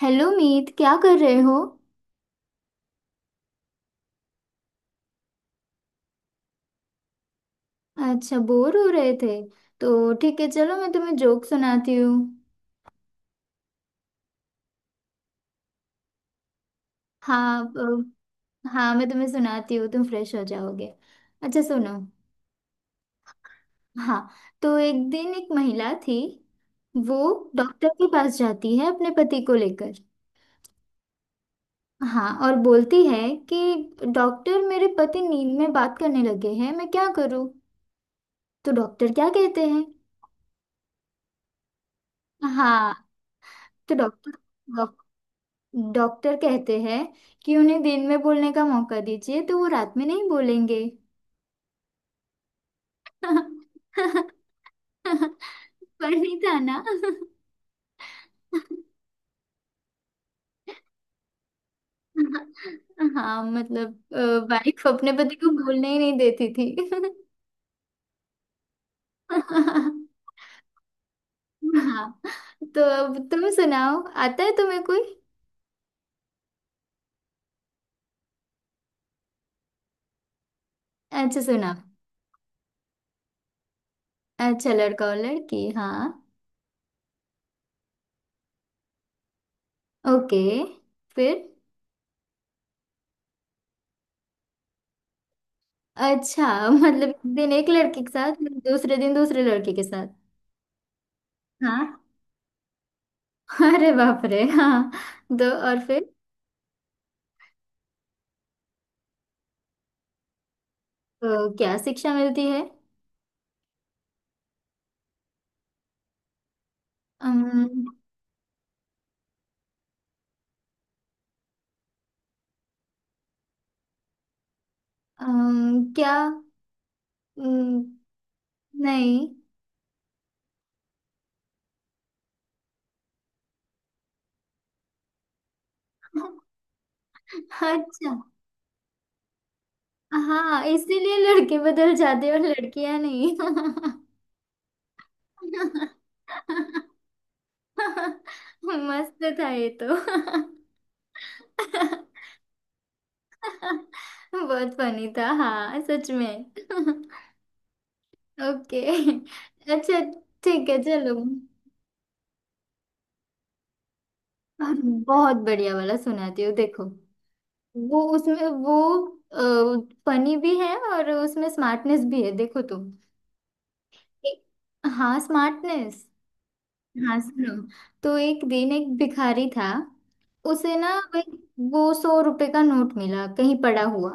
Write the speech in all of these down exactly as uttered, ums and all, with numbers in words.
Hello Meet, क्या कर रहे हो। अच्छा, बोर हो रहे थे, तो ठीक है, चलो मैं तुम्हें जोक सुनाती हूँ। हाँ अ, हाँ, मैं तुम्हें सुनाती हूँ, तुम फ्रेश हो जाओगे। अच्छा सुनो। हाँ, तो एक दिन एक महिला थी। वो डॉक्टर के पास जाती है अपने पति को लेकर। हाँ, और बोलती है कि डॉक्टर, मेरे पति नींद में बात करने लगे हैं, मैं क्या करूँ। तो डॉक्टर क्या कहते हैं। हाँ, तो डॉक्टर डॉक्टर कहते हैं कि उन्हें दिन में बोलने का मौका दीजिए तो वो रात में नहीं बोलेंगे। पर नहीं था ना। हाँ, मतलब अ, वाइफ अपने पति को बोलने ही नहीं देती थी। हाँ, तो अब तुम सुनाओ, आता है तुम्हें कोई। अच्छा सुनाओ। अच्छा, लड़का और लड़की, हाँ। ओके, फिर। अच्छा, मतलब एक दिन एक लड़के के साथ, दूसरे दिन दूसरे लड़के के साथ। हाँ, अरे बाप रे, हाँ। तो और फिर। तो क्या शिक्षा मिलती है। अम्म, अम्म, क्या। अम्म, नहीं। अच्छा, हाँ, इसीलिए लड़के बदल जाते, और लड़कियां नहीं। मस्त था ये तो। बहुत फनी था, हाँ सच में। ओके, अच्छा, ठीक है चलो। बहुत बढ़िया वाला सुनाती हूँ, देखो। वो उसमें वो फनी भी है, और उसमें स्मार्टनेस भी है, देखो तुम। एक- हाँ, स्मार्टनेस। हाँ सुनो। तो एक दिन एक भिखारी था। उसे ना वही, वो सौ रुपए का नोट मिला कहीं पड़ा हुआ।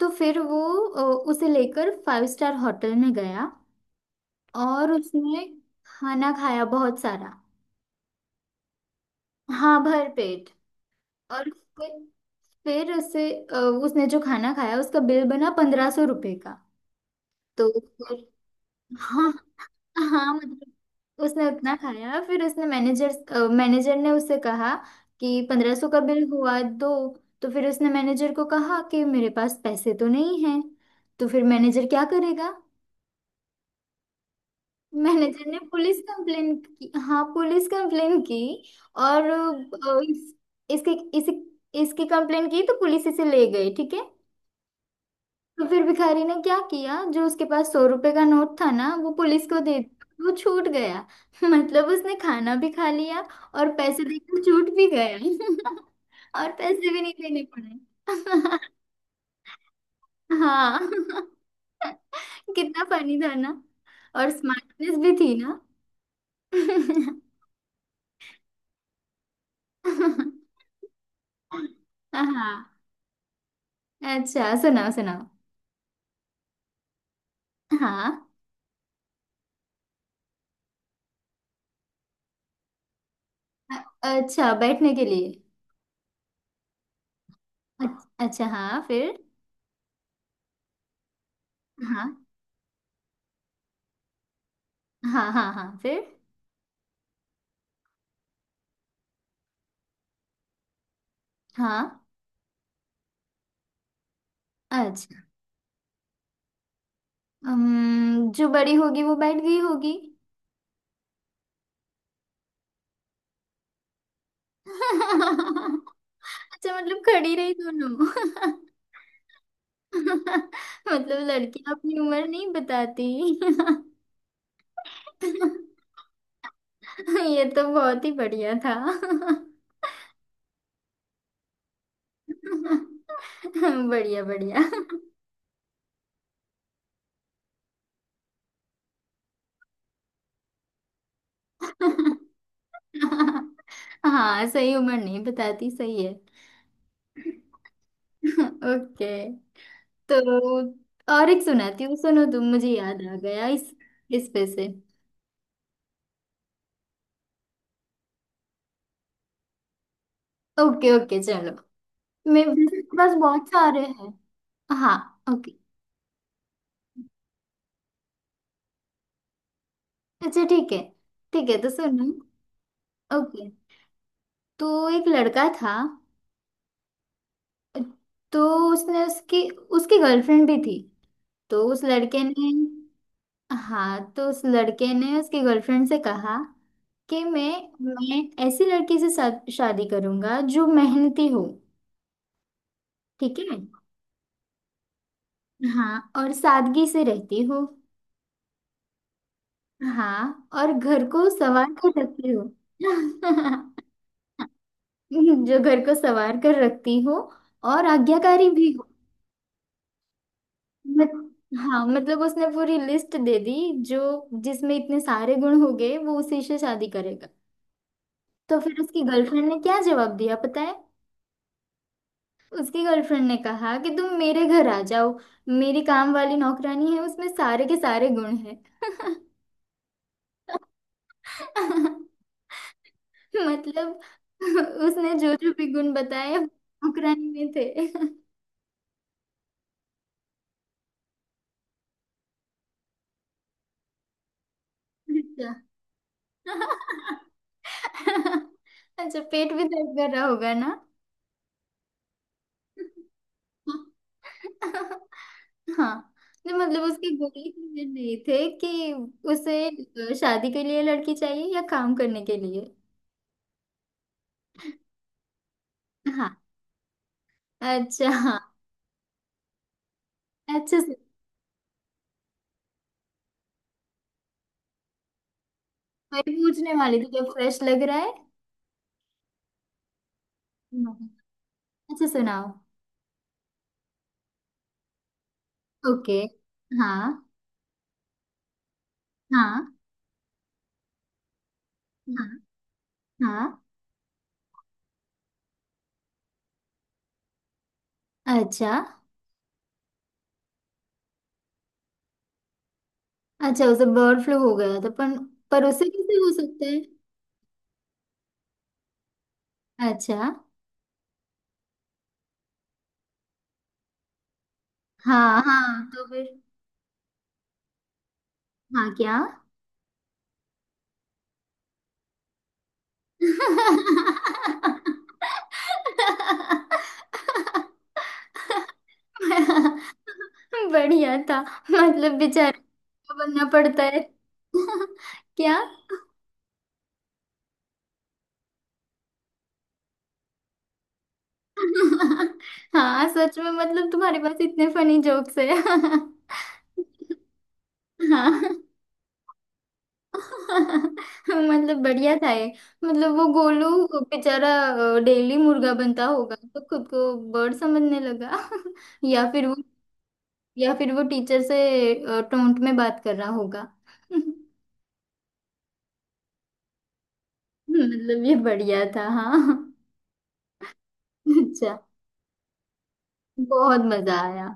तो फिर वो अ, उसे लेकर फाइव स्टार होटल में गया, और उसने खाना खाया बहुत सारा। हाँ, भर पेट। और फिर, फिर उसे अ, उसने जो खाना खाया उसका बिल बना पंद्रह सौ रुपए का। तो फिर, हाँ, हाँ, मतलब उसने उतना खाया। फिर उसने मैनेजर मैनेजर ने उससे कहा कि पंद्रह सौ का बिल हुआ, दो। तो फिर उसने मैनेजर को कहा कि मेरे पास पैसे तो नहीं हैं। तो फिर मैनेजर क्या करेगा। मैनेजर ने पुलिस कंप्लेन की, हाँ, पुलिस कंप्लेन की। और अ, इस, इसके इस, इसकी कंप्लेन की तो पुलिस इसे ले गई, ठीक है। तो फिर भिखारी ने क्या किया, जो उसके पास सौ रुपए का नोट था ना वो पुलिस को दे दिया, वो छूट गया। मतलब उसने खाना भी खा लिया और पैसे देकर छूट भी गया। और पैसे भी नहीं देने पड़े। हाँ। कितना फनी था ना, और स्मार्टनेस भी थी ना। हाँ। अच्छा सुनाओ, सुनाओ। हाँ, अ- अच्छा, बैठने के लिए। अच्छा हाँ, फिर। हाँ, हाँ, हाँ, हाँ, फिर। हाँ, अच्छा। अम्म, जो बड़ी होगी वो बैठ गई होगी। अच्छा, मतलब खड़ी रही दोनों। मतलब लड़कियां अपनी उम्र नहीं बताती। ये तो बहुत ही बढ़िया था। बढ़िया बढ़िया। हाँ, सही उम्र नहीं बताती, सही है। ओके। तो और एक सुनाती हूँ, सुनो तुम, मुझे याद आ गया इस इस पे से। ओके, ओके, चलो। मेरे मेरे पास बहुत सारे हैं। हाँ, ओके। अच्छा ठीक है, ठीक है, तो सुनो। ओके, तो एक लड़का था। तो उसने उसकी उसकी गर्लफ्रेंड भी थी। तो उस लड़के ने। हाँ, तो उस लड़के ने उसकी गर्लफ्रेंड से कहा कि मैं मैं ऐसी लड़की से शा- शादी करूंगा जो मेहनती हो, ठीक है। हाँ, और सादगी से रहती हो। हाँ, और घर को संवार कर रखती हो। हम्म, जो घर को संवार कर रखती हो, और आज्ञाकारी भी हो। मत, हाँ, मतलब उसने पूरी लिस्ट दे दी, जो जिसमें इतने सारे गुण हो गए वो उसी से शादी करेगा। तो फिर उसकी गर्लफ्रेंड ने क्या जवाब दिया, पता है। उसकी गर्लफ्रेंड ने कहा कि तुम मेरे घर आ जाओ, मेरी काम वाली नौकरानी है, उसमें सारे के सारे गुण हैं। मतलब उसने जो जो भी गुण बताए वो नौकरानी में थे। अच्छा। अच्छा, पेट भी दर्द कर रहा होगा ना। हाँ, नहीं मतलब उसकी गोली के लिए नहीं थे, कि उसे शादी के लिए लड़की चाहिए या काम करने के लिए। हाँ, अच्छा हाँ। अच्छा, सु- मैं पूछने वाली थी, क्या फ्रेश लग रहा है। नहीं। अच्छा सुनाओ। ओके। हाँ, हाँ, हाँ, हाँ। अच्छा। अच्छा, उसे बर्ड फ्लू हो गया था, पर पर उसे कैसे हो सकता है। अच्छा, हाँ, हाँ, तो फिर। हाँ, क्या। बढ़िया था, मतलब बेचारे को बनना पड़ता है। क्या। हाँ सच में, मतलब तुम्हारे पास इतने फनी जोक्स है। हाँ। मतलब बढ़िया था ये। मतलब वो गोलू बेचारा डेली मुर्गा बनता होगा तो खुद को बर्ड समझने लगा। या फिर वो या फिर वो टीचर से टोंट में बात कर रहा होगा। मतलब ये बढ़िया था, हाँ। अच्छा। बहुत मजा आया।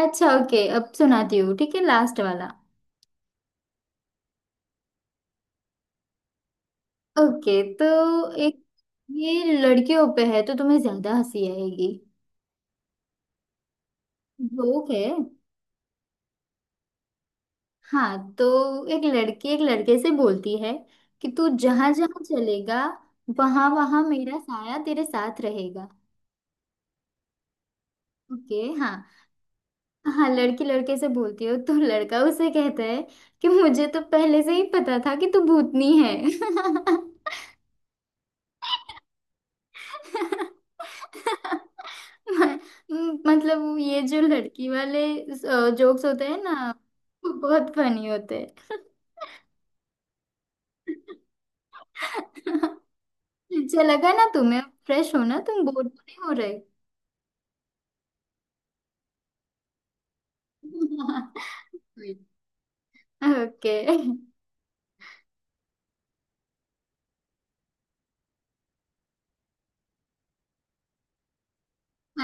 अच्छा ओके, अब सुनाती हूँ, ठीक है, लास्ट वाला। ओके, तो एक, ये लड़कियों पे है तो तुम्हें ज्यादा हंसी आएगी। जोक है। हाँ, तो एक लड़की एक लड़के से बोलती है कि तू जहां जहां चलेगा वहां वहां मेरा साया तेरे साथ रहेगा। ओके, हाँ। हाँ, लड़की लड़के से बोलती हो तो लड़का उसे कहता है कि मुझे तो पहले से ही पता था कि तू भूतनी है। म- मतलब वो ये जो लड़की वाले जोक्स होते हैं ना वो बहुत फनी होते हैं। अच्छा लगा ना तुम्हें, फ्रेश हो ना, तुम बोर तो नहीं हो रहे। ओके।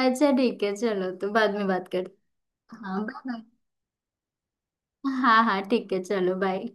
अच्छा ठीक है, चलो, तो बाद में बात करते। हाँ, बाय बाय। हाँ, हाँ, ठीक है, चलो बाय।